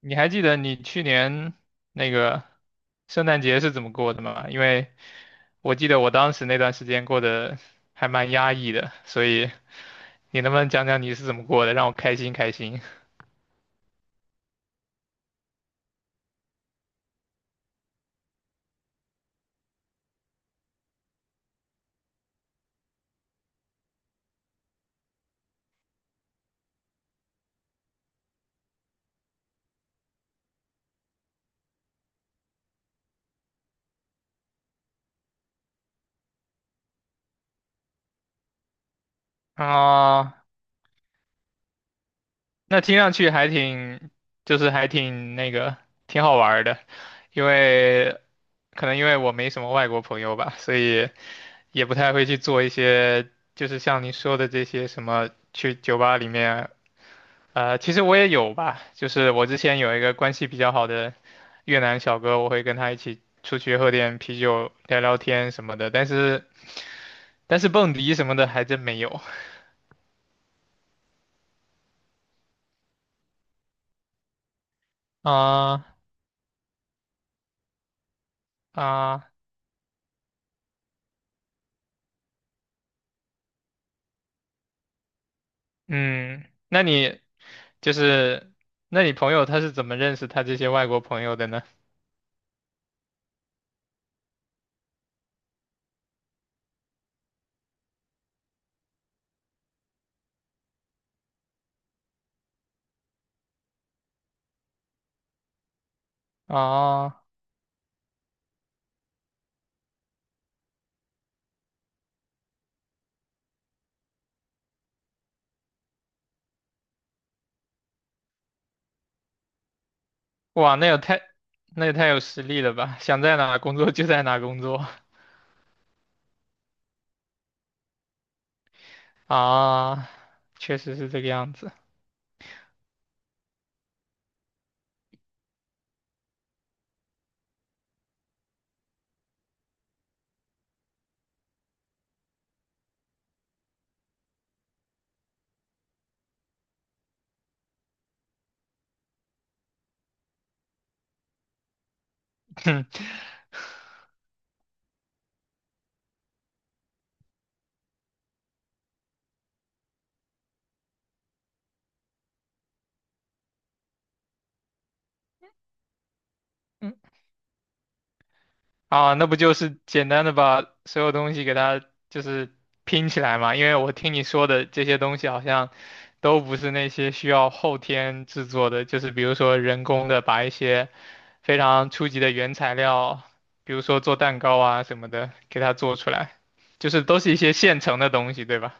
你还记得你去年那个圣诞节是怎么过的吗？因为我记得我当时那段时间过得还蛮压抑的，所以你能不能讲讲你是怎么过的，让我开心开心？啊、那听上去还挺，就是还挺那个，挺好玩儿的，因为可能因为我没什么外国朋友吧，所以也不太会去做一些，就是像你说的这些什么去酒吧里面其实我也有吧，就是我之前有一个关系比较好的越南小哥，我会跟他一起出去喝点啤酒、聊聊天什么的，但是蹦迪什么的还真没有。啊啊，嗯，那你就是，那你朋友他是怎么认识他这些外国朋友的呢？啊，哇，那也太有实力了吧！想在哪工作就在哪工作 啊，确实是这个样子。啊，那不就是简单的把所有东西给它就是拼起来嘛？因为我听你说的这些东西好像都不是那些需要后天制作的，就是比如说人工的把一些非常初级的原材料，比如说做蛋糕啊什么的，给它做出来，就是都是一些现成的东西，对吧？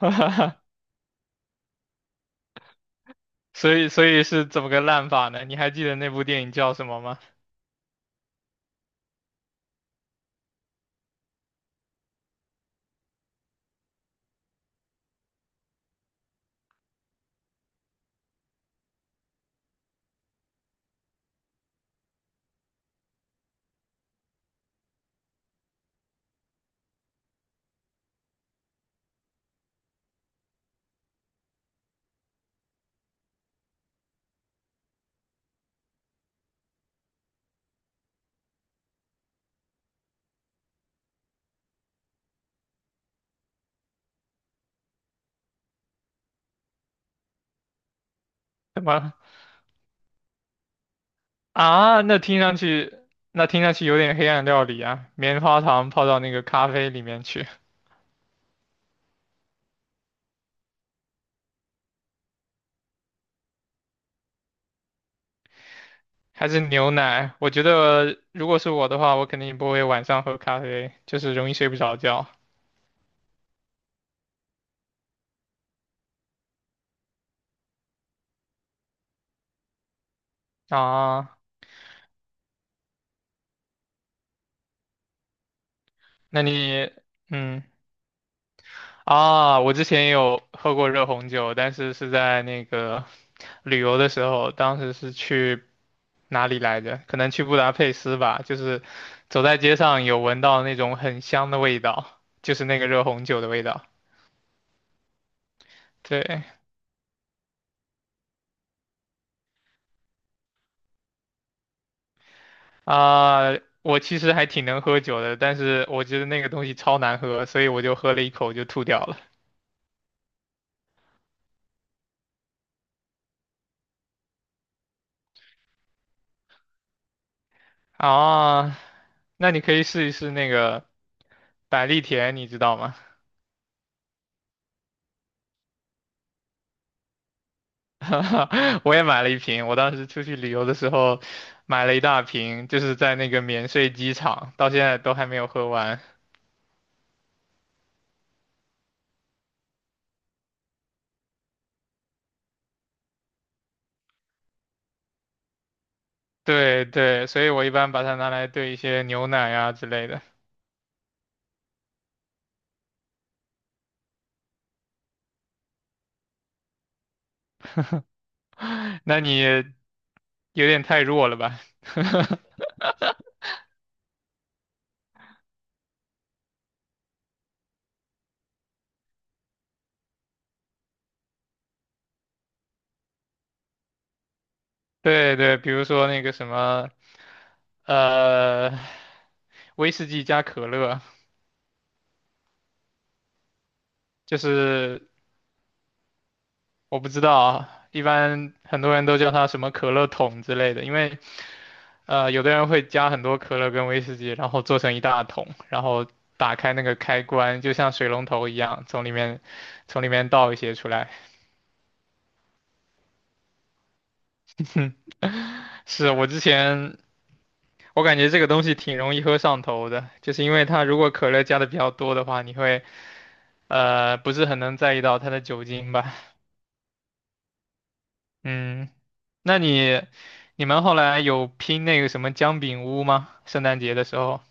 所以是怎么个烂法呢？你还记得那部电影叫什么吗？什么？啊，那听上去，那听上去有点黑暗料理啊，棉花糖泡到那个咖啡里面去，还是牛奶？我觉得如果是我的话，我肯定不会晚上喝咖啡，就是容易睡不着觉啊。那你，嗯，啊，我之前也有喝过热红酒，但是是在那个旅游的时候，当时是去哪里来着？可能去布达佩斯吧，就是走在街上有闻到那种很香的味道，就是那个热红酒的味道。对啊，我其实还挺能喝酒的，但是我觉得那个东西超难喝，所以我就喝了一口就吐掉了。啊，那你可以试一试那个百利甜，你知道吗？我也买了一瓶，我当时出去旅游的时候买了一大瓶，就是在那个免税机场，到现在都还没有喝完。对对，所以我一般把它拿来兑一些牛奶啊之类的。那你有点太弱了吧？对对，比如说那个什么呃，威士忌加可乐，就是我不知道啊，一般很多人都叫它什么可乐桶之类的，因为有的人会加很多可乐跟威士忌，然后做成一大桶，然后打开那个开关，就像水龙头一样，从里面倒一些出来。是我之前。我感觉这个东西挺容易喝上头的，就是因为它如果可乐加的比较多的话，你会不是很能在意到它的酒精吧？嗯，那你你们后来有拼那个什么姜饼屋吗？圣诞节的时候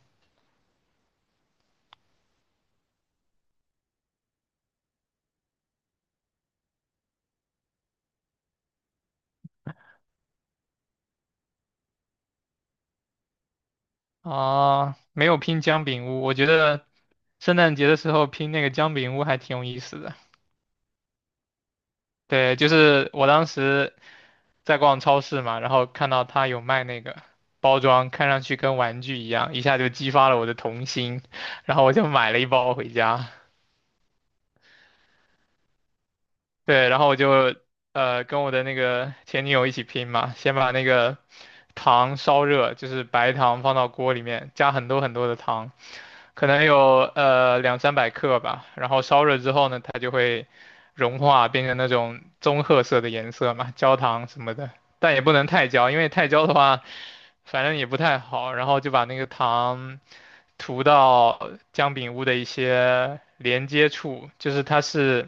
啊，没有拼姜饼屋。我觉得圣诞节的时候拼那个姜饼屋还挺有意思的。对，就是我当时在逛超市嘛，然后看到他有卖那个包装，看上去跟玩具一样，一下就激发了我的童心，然后我就买了一包回家。对，然后我就跟我的那个前女友一起拼嘛，先把那个糖烧热，就是白糖放到锅里面，加很多很多的糖，可能有200~300克吧，然后烧热之后呢，它就会融化，变成那种棕褐色的颜色嘛，焦糖什么的，但也不能太焦，因为太焦的话，反正也不太好。然后就把那个糖涂到姜饼屋的一些连接处，就是它是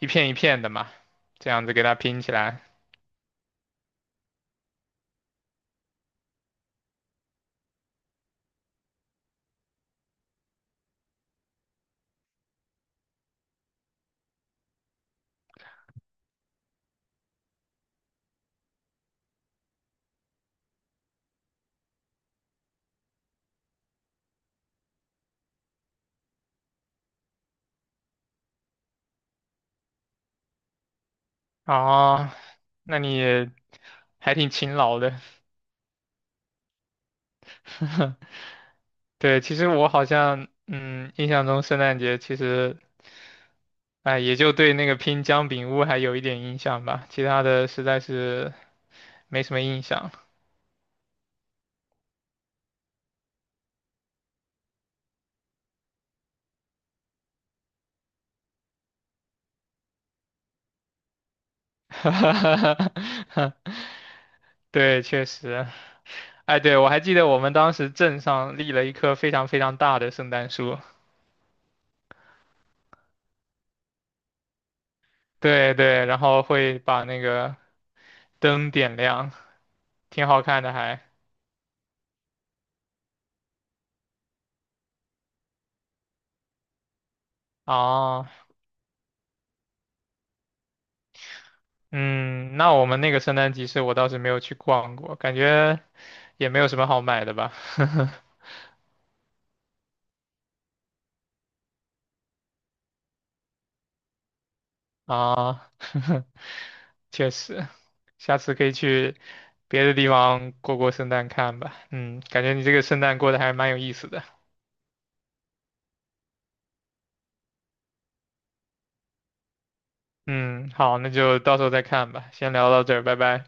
一片一片的嘛，这样子给它拼起来。啊，那你还挺勤劳的。对，其实我好像，嗯，印象中圣诞节其实，哎，也就对那个拼姜饼屋还有一点印象吧，其他的实在是没什么印象。对，确实，哎，对，我还记得我们当时镇上立了一棵非常非常大的圣诞树，对对，然后会把那个灯点亮，挺好看的还。哦嗯，那我们那个圣诞集市我倒是没有去逛过，感觉也没有什么好买的吧。啊，确实，下次可以去别的地方过过圣诞看吧。嗯，感觉你这个圣诞过得还蛮有意思的。嗯，好，那就到时候再看吧。先聊到这儿，拜拜。